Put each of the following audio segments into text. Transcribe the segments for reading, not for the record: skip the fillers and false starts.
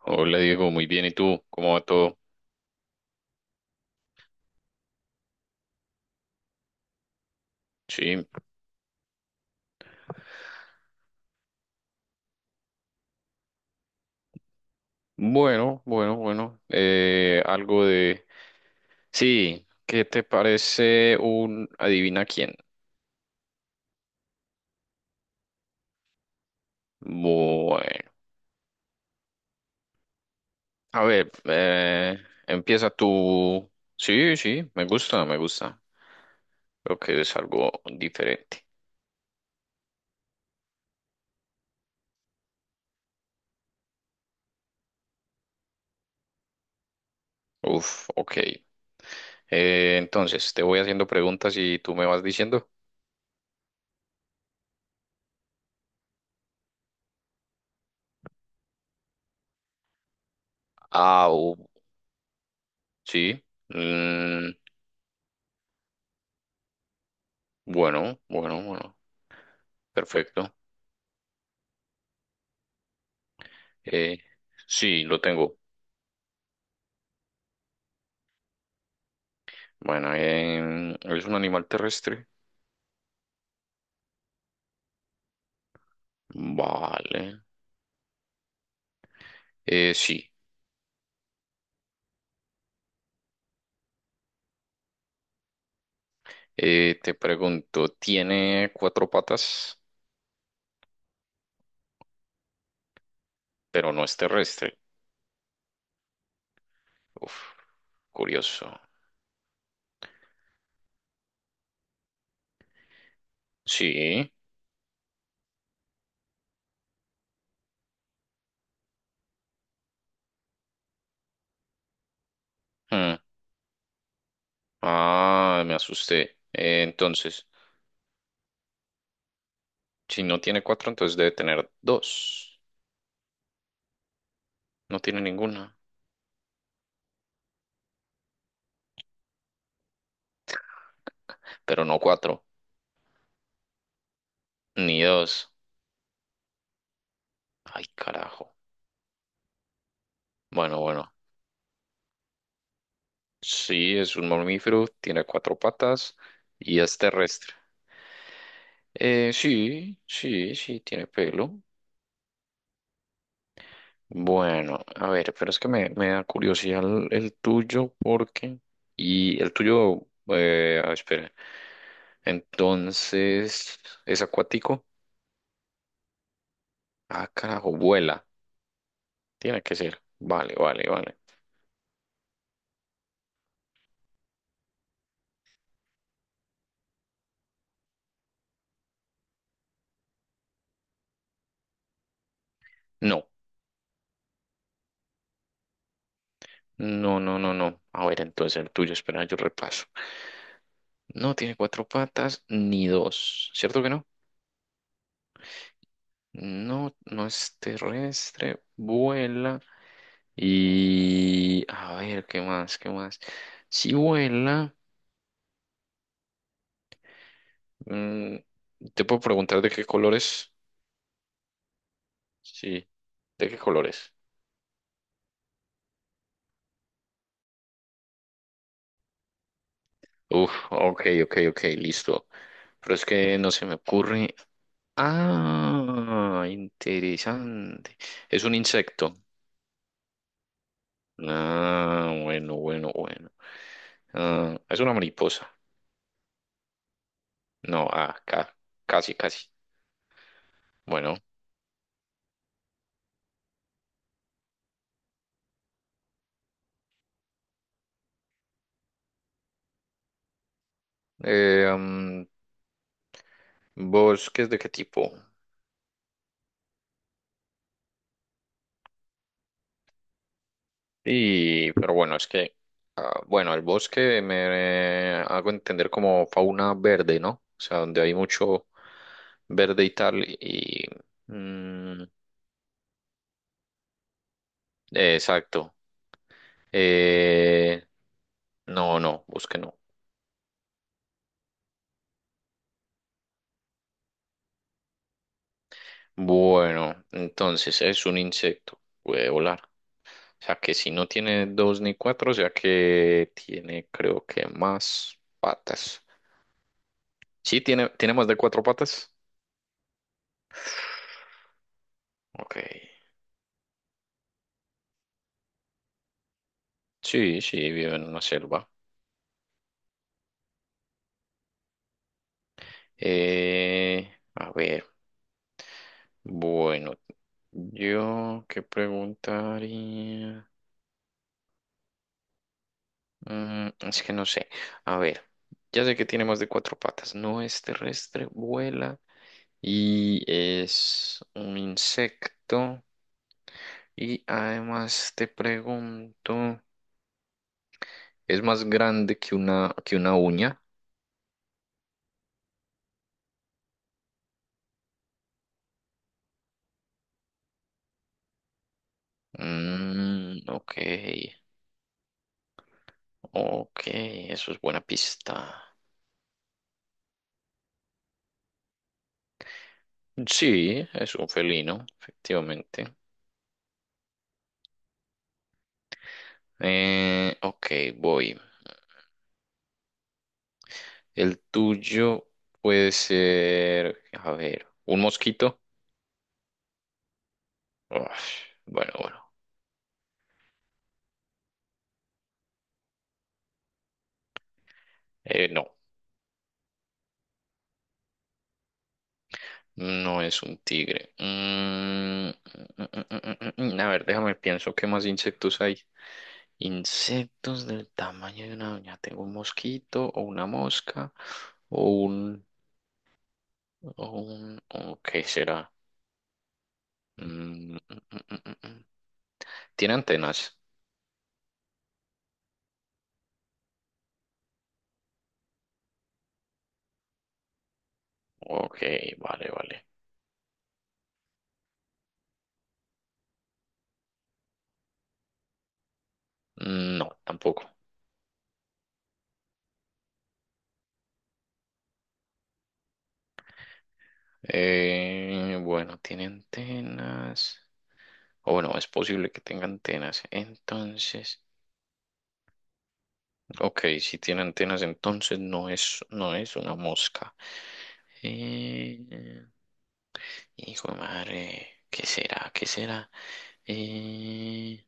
Hola Diego, muy bien. ¿Y tú? ¿Cómo va todo? Sí. Bueno, bueno, bueno. Algo de... Sí, ¿qué te parece un adivina quién? Bueno. A ver, empieza tú. Sí, sí, me gusta, me gusta. Creo que es algo diferente. Uf, ok. Entonces, te voy haciendo preguntas y tú me vas diciendo. Ah, sí. Mm, bueno, bueno, bueno. Perfecto. Eh, sí, lo tengo. Bueno, ¿es un animal terrestre? Vale. Sí. Te pregunto, ¿tiene cuatro patas? Pero no es terrestre. Uf, curioso. Sí. Hmm. Ah, me asusté. Entonces, si no tiene cuatro, entonces debe tener dos. No tiene ninguna. Pero no cuatro, ni dos. Ay, carajo. Bueno, bueno. Sí, es un mamífero, tiene cuatro patas y es terrestre. Sí, sí, sí, tiene pelo. Bueno, a ver, pero es que me da curiosidad el tuyo porque... Y el tuyo, espera. Entonces, ¿es acuático? Ah, carajo, vuela. Tiene que ser. Vale, vale, vale. No, no, no, no, no. A ver, entonces el tuyo, espera, yo repaso. No tiene cuatro patas ni dos. ¿Cierto que no? No, no es terrestre, vuela y a ver, ¿qué más? ¿Qué más? Si vuela, mm, te puedo preguntar de qué colores. Sí, ¿de qué colores? Uf, ok, ok, ok, listo. Pero es que no se me ocurre. Ah, interesante. Es un insecto. Ah, bueno, bueno, bueno. Ah, es una mariposa. No, casi, casi. Bueno. eh, mm, ¿Bosques de qué tipo? Y, pero bueno, bueno, el bosque me hago entender como fauna verde, ¿no? O sea, donde hay mucho verde y tal, mm, exacto. Eh, no, no, bosque no. Bueno, entonces es un insecto, puede volar. O sea que si no tiene dos ni cuatro, o sea que tiene creo que más patas. Sí, tiene más de cuatro patas. Ok. Sí, sí, vivo en una selva. Eh, a ver, bueno, yo qué preguntaría. Mm, es que no sé. A ver, ya sé que tiene más de cuatro patas. No es terrestre, vuela y es un insecto. Y además te pregunto, ¿es más grande que que una uña? Mm, ok, ok, eso es buena pista. Sí, es un felino, efectivamente. Ok, voy. El tuyo puede ser, a ver, un mosquito. Uf, bueno, bueno. No, no es un tigre. Mm, mm, mm, mm, mm, mm, mm, mm, mm, mm, a ver, déjame pienso qué más insectos hay. Insectos del tamaño de una uña. Tengo un mosquito o una mosca o un, o un, o ¿qué será? Mm, mm, mm, mm, mm, mm. ¿Tiene antenas? Ok, vale, vale. No, tampoco. Bueno, tiene antenas. O bueno, es posible que tenga antenas. Entonces, ok, si tiene antenas, entonces no es una mosca. Eh, Hijo de madre, ¿qué será? ¿Qué será? Eh,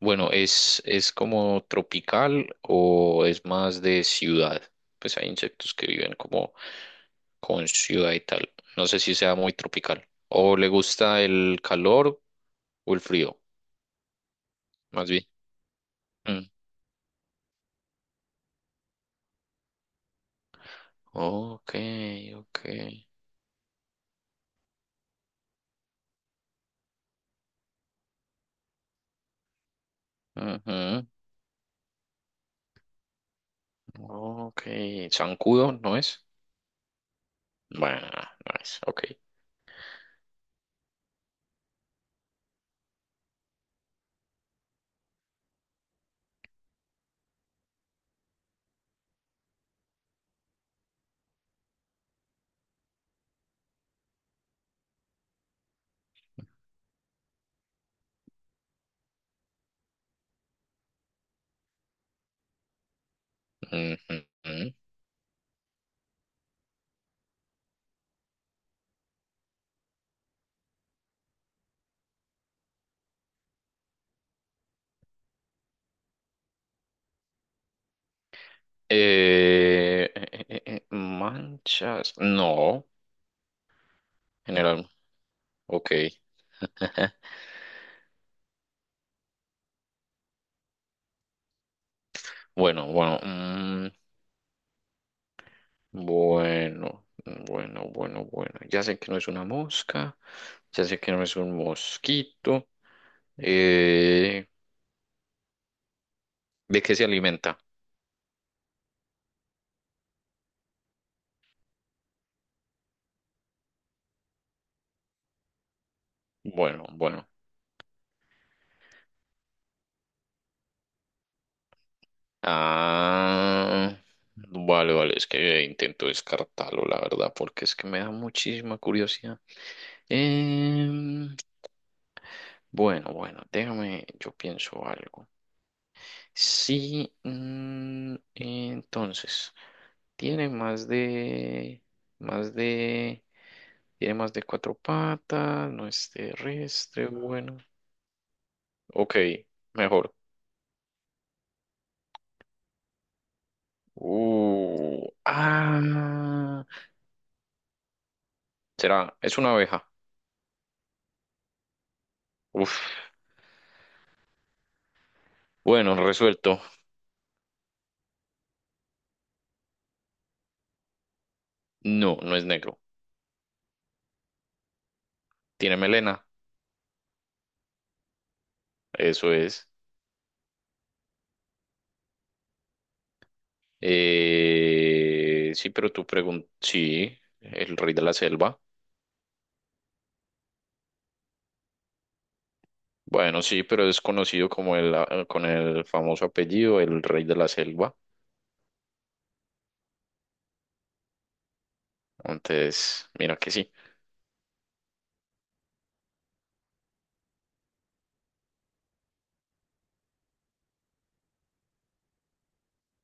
bueno, ¿es como tropical o es más de ciudad? Pues hay insectos que viven como con ciudad y tal. No sé si sea muy tropical. ¿O le gusta el calor o el frío? Más bien. Mm. Ok, ok. Ujú. Ok. ¿Zancudo no es? Bueno, no es. Ok. Ujú. Manchas. No, general. Ok. Bueno, bueno, mm, bueno, bueno, bueno, bueno. Ya sé que no es una mosca, ya sé que no es un mosquito. Eh, ¿De qué se alimenta? Bueno, bueno. Ah, vale, vale, es que intento descartarlo, la verdad, porque es que me da muchísima curiosidad. Em, bueno, bueno, déjame, yo pienso algo. Sí, mm, entonces, tiene más de, más de, tiene más de cuatro patas, no es terrestre, bueno. Ok, mejor. Uh, ah, será, es una abeja. Uf, bueno, resuelto. No, no es negro. Tiene melena, eso es. Sí, pero tú preguntas, sí, el rey de la selva. Bueno, sí, pero es conocido como con el famoso apellido, el rey de la selva. Entonces, mira que sí.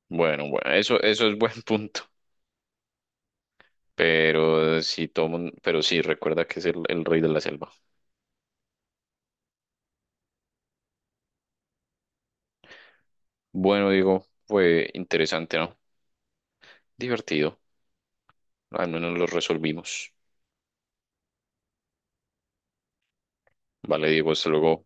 Bueno, bueno, eso es buen punto. Pero sí, pero sí, recuerda que es el rey de la selva. Bueno, digo, fue interesante, ¿no? Divertido. Al menos lo resolvimos. Vale, Diego, hasta luego.